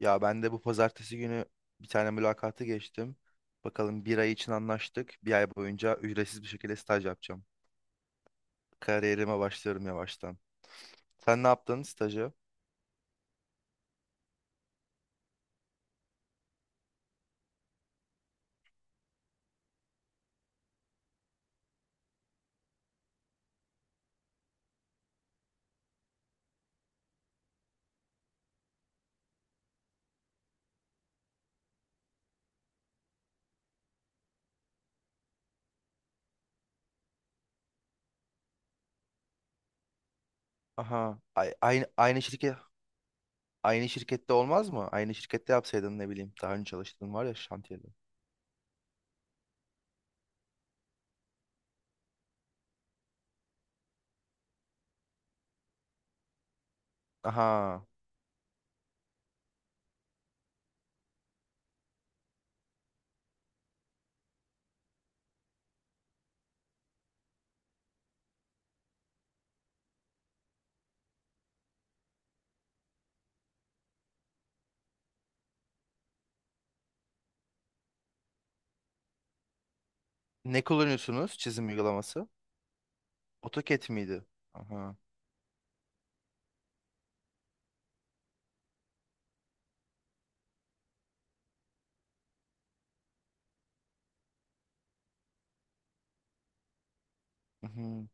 Ya ben de bu pazartesi günü bir tane mülakatı geçtim. Bakalım bir ay için anlaştık. Bir ay boyunca ücretsiz bir şekilde staj yapacağım. Kariyerime başlıyorum yavaştan. Sen ne yaptın stajı? Aha, aynı şirkette olmaz mı? Aynı şirkette yapsaydın ne bileyim. Daha önce çalıştığın var ya şantiyede. Aha. Ne kullanıyorsunuz çizim uygulaması? AutoCAD miydi? Aha. Mhm.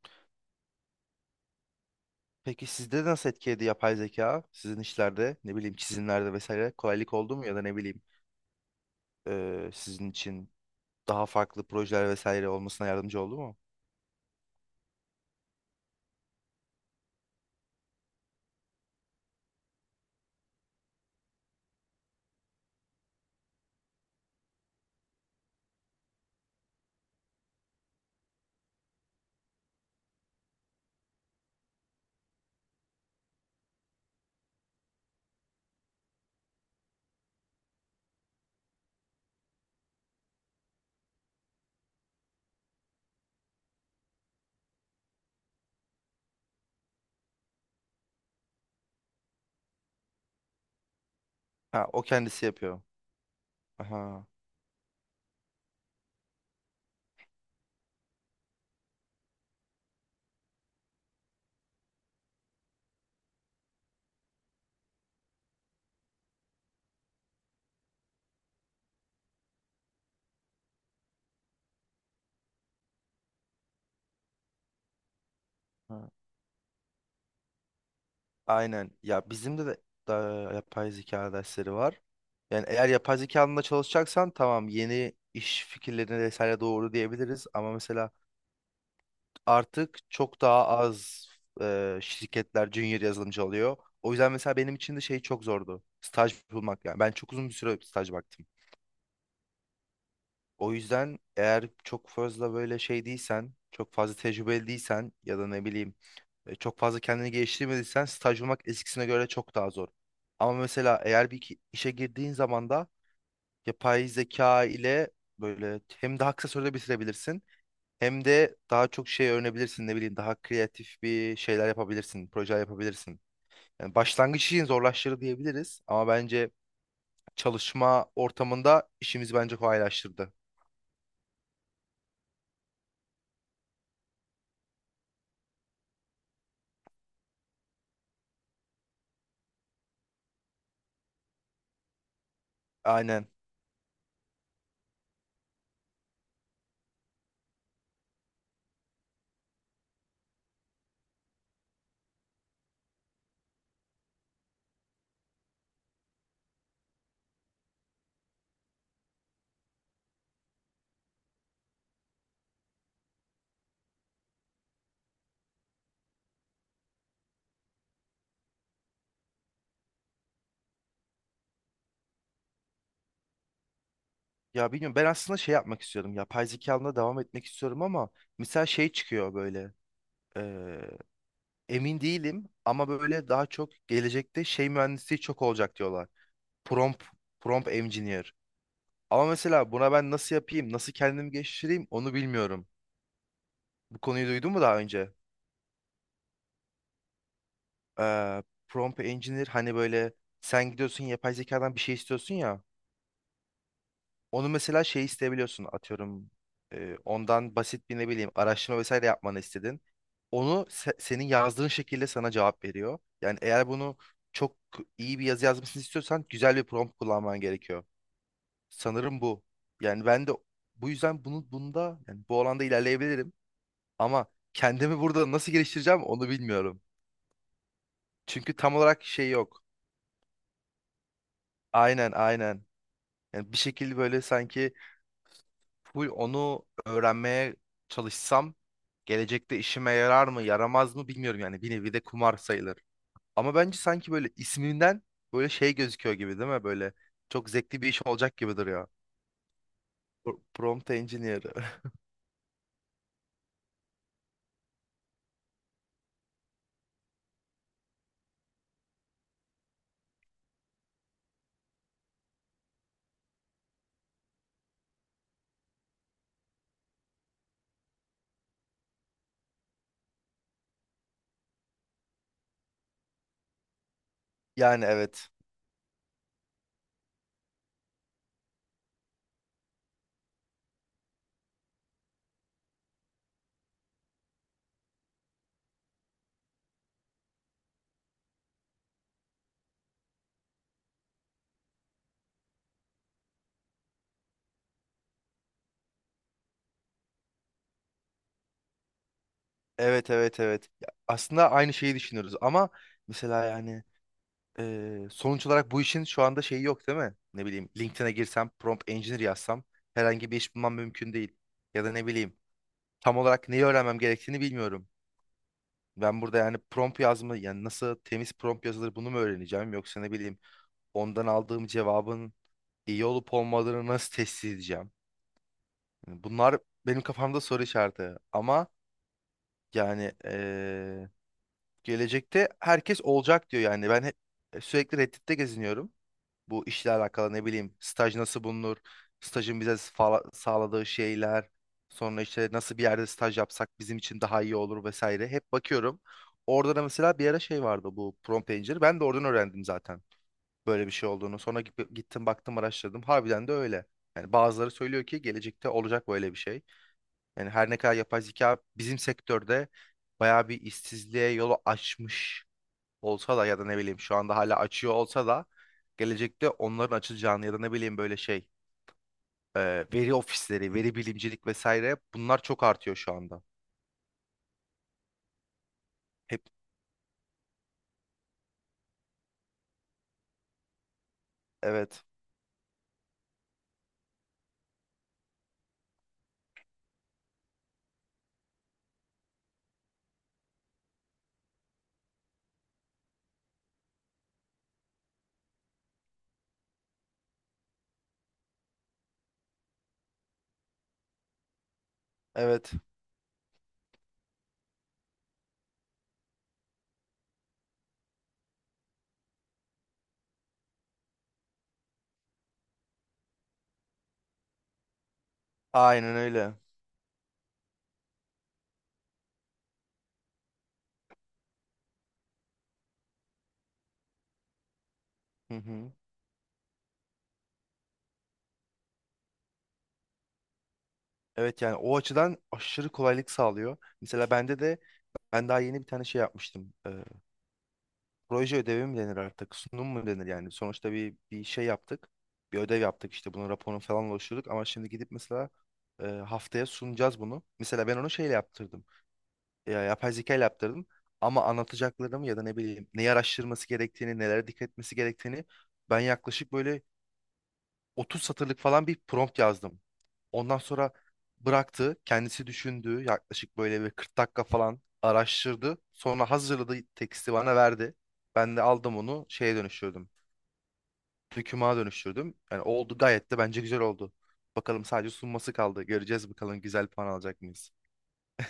Peki sizde nasıl etkiledi yapay zeka? Sizin işlerde ne bileyim çizimlerde vesaire kolaylık oldu mu ya da ne bileyim, sizin için daha farklı projeler vesaire olmasına yardımcı oldu mu? Ha, o kendisi yapıyor. Aha. Ha. Aynen. Ya bizim de da yapay zeka dersleri var. Yani eğer yapay zeka alanında çalışacaksan tamam, yeni iş fikirlerine vesaire doğru diyebiliriz ama mesela artık çok daha az, şirketler junior yazılımcı alıyor. O yüzden mesela benim için de şey çok zordu. Staj bulmak yani. Ben çok uzun bir süre staj baktım. O yüzden eğer çok fazla böyle şey değilsen, çok fazla tecrübeli değilsen ya da ne bileyim, çok fazla kendini geliştirmediysen staj bulmak eskisine göre çok daha zor. Ama mesela eğer işe girdiğin zaman da yapay zeka ile böyle hem daha kısa sürede bitirebilirsin hem de daha çok şey öğrenebilirsin, ne bileyim daha kreatif bir şeyler yapabilirsin, projeler yapabilirsin. Yani başlangıç için zorlaştırdı diyebiliriz ama bence çalışma ortamında işimizi bence kolaylaştırdı. Aynen. Ya bilmiyorum, ben aslında şey yapmak istiyorum. Yapay zeka alanına devam etmek istiyorum ama mesela şey çıkıyor böyle. eee, Emin değilim ama böyle daha çok gelecekte şey mühendisliği çok olacak diyorlar. Prompt, prompt engineer. Ama mesela buna ben nasıl yapayım, nasıl kendimi geliştireyim onu bilmiyorum. Bu konuyu duydun mu daha önce? Prompt engineer, hani böyle sen gidiyorsun yapay zekadan bir şey istiyorsun ya. Onu mesela şey isteyebiliyorsun, atıyorum ondan basit bir ne bileyim araştırma vesaire yapmanı istedin. Onu senin yazdığın şekilde sana cevap veriyor. Yani eğer bunu çok iyi bir yazı yazmasını istiyorsan güzel bir prompt kullanman gerekiyor. Sanırım bu. Yani ben de bu yüzden bunda, yani bu alanda ilerleyebilirim ama kendimi burada nasıl geliştireceğim onu bilmiyorum. Çünkü tam olarak şey yok. Aynen, aynen. Yani bir şekilde böyle sanki full onu öğrenmeye çalışsam gelecekte işime yarar mı yaramaz mı bilmiyorum, yani bir nevi de kumar sayılır. Ama bence sanki böyle isminden böyle şey gözüküyor gibi, değil mi? Böyle çok zevkli bir iş olacak gibi duruyor. Prompt Engineer. Yani, evet. Evet, evet, evet. Ya, aslında aynı şeyi düşünüyoruz ama mesela yani, sonuç olarak bu işin şu anda şeyi yok, değil mi? Ne bileyim, LinkedIn'e girsem prompt engineer yazsam herhangi bir iş bulmam mümkün değil. Ya da ne bileyim tam olarak neyi öğrenmem gerektiğini bilmiyorum. Ben burada yani prompt yazma, yani nasıl temiz prompt yazılır bunu mu öğreneceğim yoksa ne bileyim ondan aldığım cevabın iyi olup olmadığını nasıl test edeceğim? Yani bunlar benim kafamda soru işareti ama yani, gelecekte herkes olacak diyor yani, ben hep sürekli Reddit'te geziniyorum. Bu işle alakalı ne bileyim staj nasıl bulunur? Stajın bize sağladığı şeyler. Sonra işte nasıl bir yerde staj yapsak bizim için daha iyi olur vesaire. Hep bakıyorum. Orada da mesela bir ara şey vardı, bu prompt engineer. Ben de oradan öğrendim zaten böyle bir şey olduğunu. Sonra gittim, baktım, araştırdım. Harbiden de öyle. Yani bazıları söylüyor ki gelecekte olacak böyle bir şey. Yani her ne kadar yapay zeka bizim sektörde bayağı bir işsizliğe yolu açmış olsa da ya da ne bileyim şu anda hala açıyor olsa da gelecekte onların açılacağını ya da ne bileyim böyle şey, e, veri ofisleri, veri bilimcilik vesaire bunlar çok artıyor şu anda. Hep evet. Evet. Aynen öyle. Hı hı. Evet, yani o açıdan aşırı kolaylık sağlıyor. Mesela bende de ben daha yeni bir tane şey yapmıştım. Proje ödevi mi denir artık? Sunum mu denir yani? Sonuçta bir şey yaptık. Bir ödev yaptık işte, bunun raporunu falan oluşturduk ama şimdi gidip mesela haftaya sunacağız bunu. Mesela ben onu şeyle yaptırdım. Ya, yapay zeka ile yaptırdım. Ama anlatacaklarımı ya da ne bileyim neyi araştırması gerektiğini, nelere dikkat etmesi gerektiğini ben yaklaşık böyle 30 satırlık falan bir prompt yazdım. Ondan sonra bıraktı, kendisi düşündü. Yaklaşık böyle bir 40 dakika falan araştırdı. Sonra hazırladı, teksti bana verdi. Ben de aldım onu şeye dönüştürdüm. Dokümana dönüştürdüm. Yani oldu, gayet de bence güzel oldu. Bakalım, sadece sunması kaldı. Göreceğiz bakalım güzel puan alacak mıyız?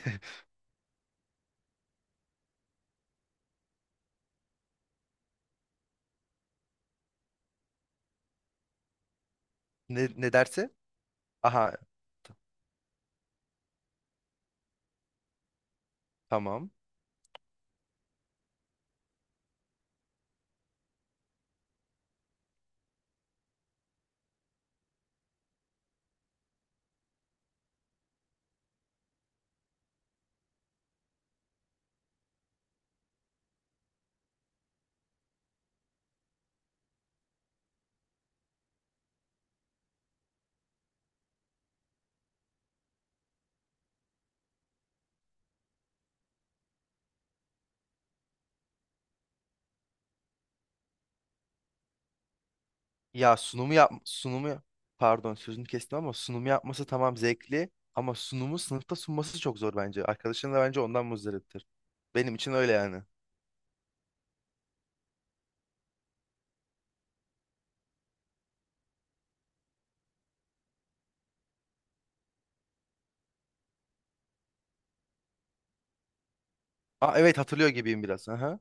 Ne derse? Aha, t- tamam. Ya, pardon, sözünü kestim ama sunumu yapması tamam zevkli ama sunumu sınıfta sunması çok zor bence. Arkadaşın da bence ondan muzdariptir. Benim için öyle yani. Aa, evet, hatırlıyor gibiyim biraz. Aha.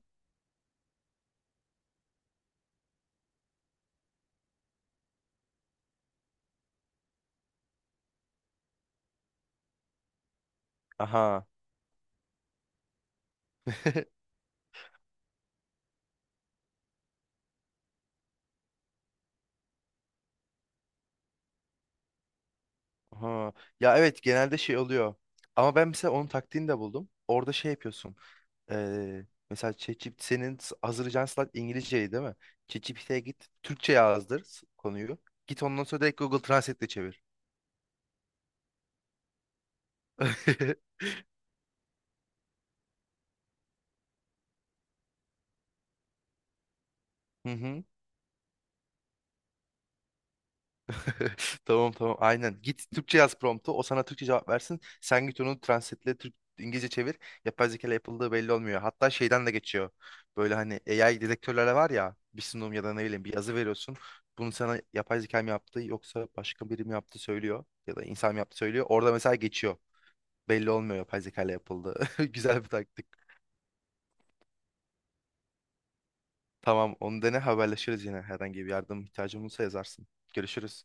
Aha. Aha. Ya evet, genelde şey oluyor. Ama ben mesela onun taktiğini de buldum. Orada şey yapıyorsun. Mesela ChatGPT senin hazırlayacağın slide İngilizceyi, değil mi? ChatGPT'ye git Türkçe yazdır, konuyu. Git ondan sonra direkt Google Translate'le çevir. Hı hı. Tamam, tamam, aynen. Git Türkçe yaz promptu. O sana Türkçe cevap versin. Sen git onu translate'le Türk İngilizce çevir. Yapay zeka ile yapıldığı belli olmuyor. Hatta şeyden de geçiyor. Böyle hani AI dedektörlere var ya, bir sunum ya da ne bileyim bir yazı veriyorsun. Bunu sana yapay zeka mı yaptı yoksa başka biri mi yaptı söylüyor. Ya da insan mı yaptı söylüyor. Orada mesela geçiyor. Belli olmuyor yapay zeka ile yapıldı. Güzel bir taktik. Tamam, onu dene, haberleşiriz yine. Herhangi bir yardım ihtiyacın olursa yazarsın. Görüşürüz.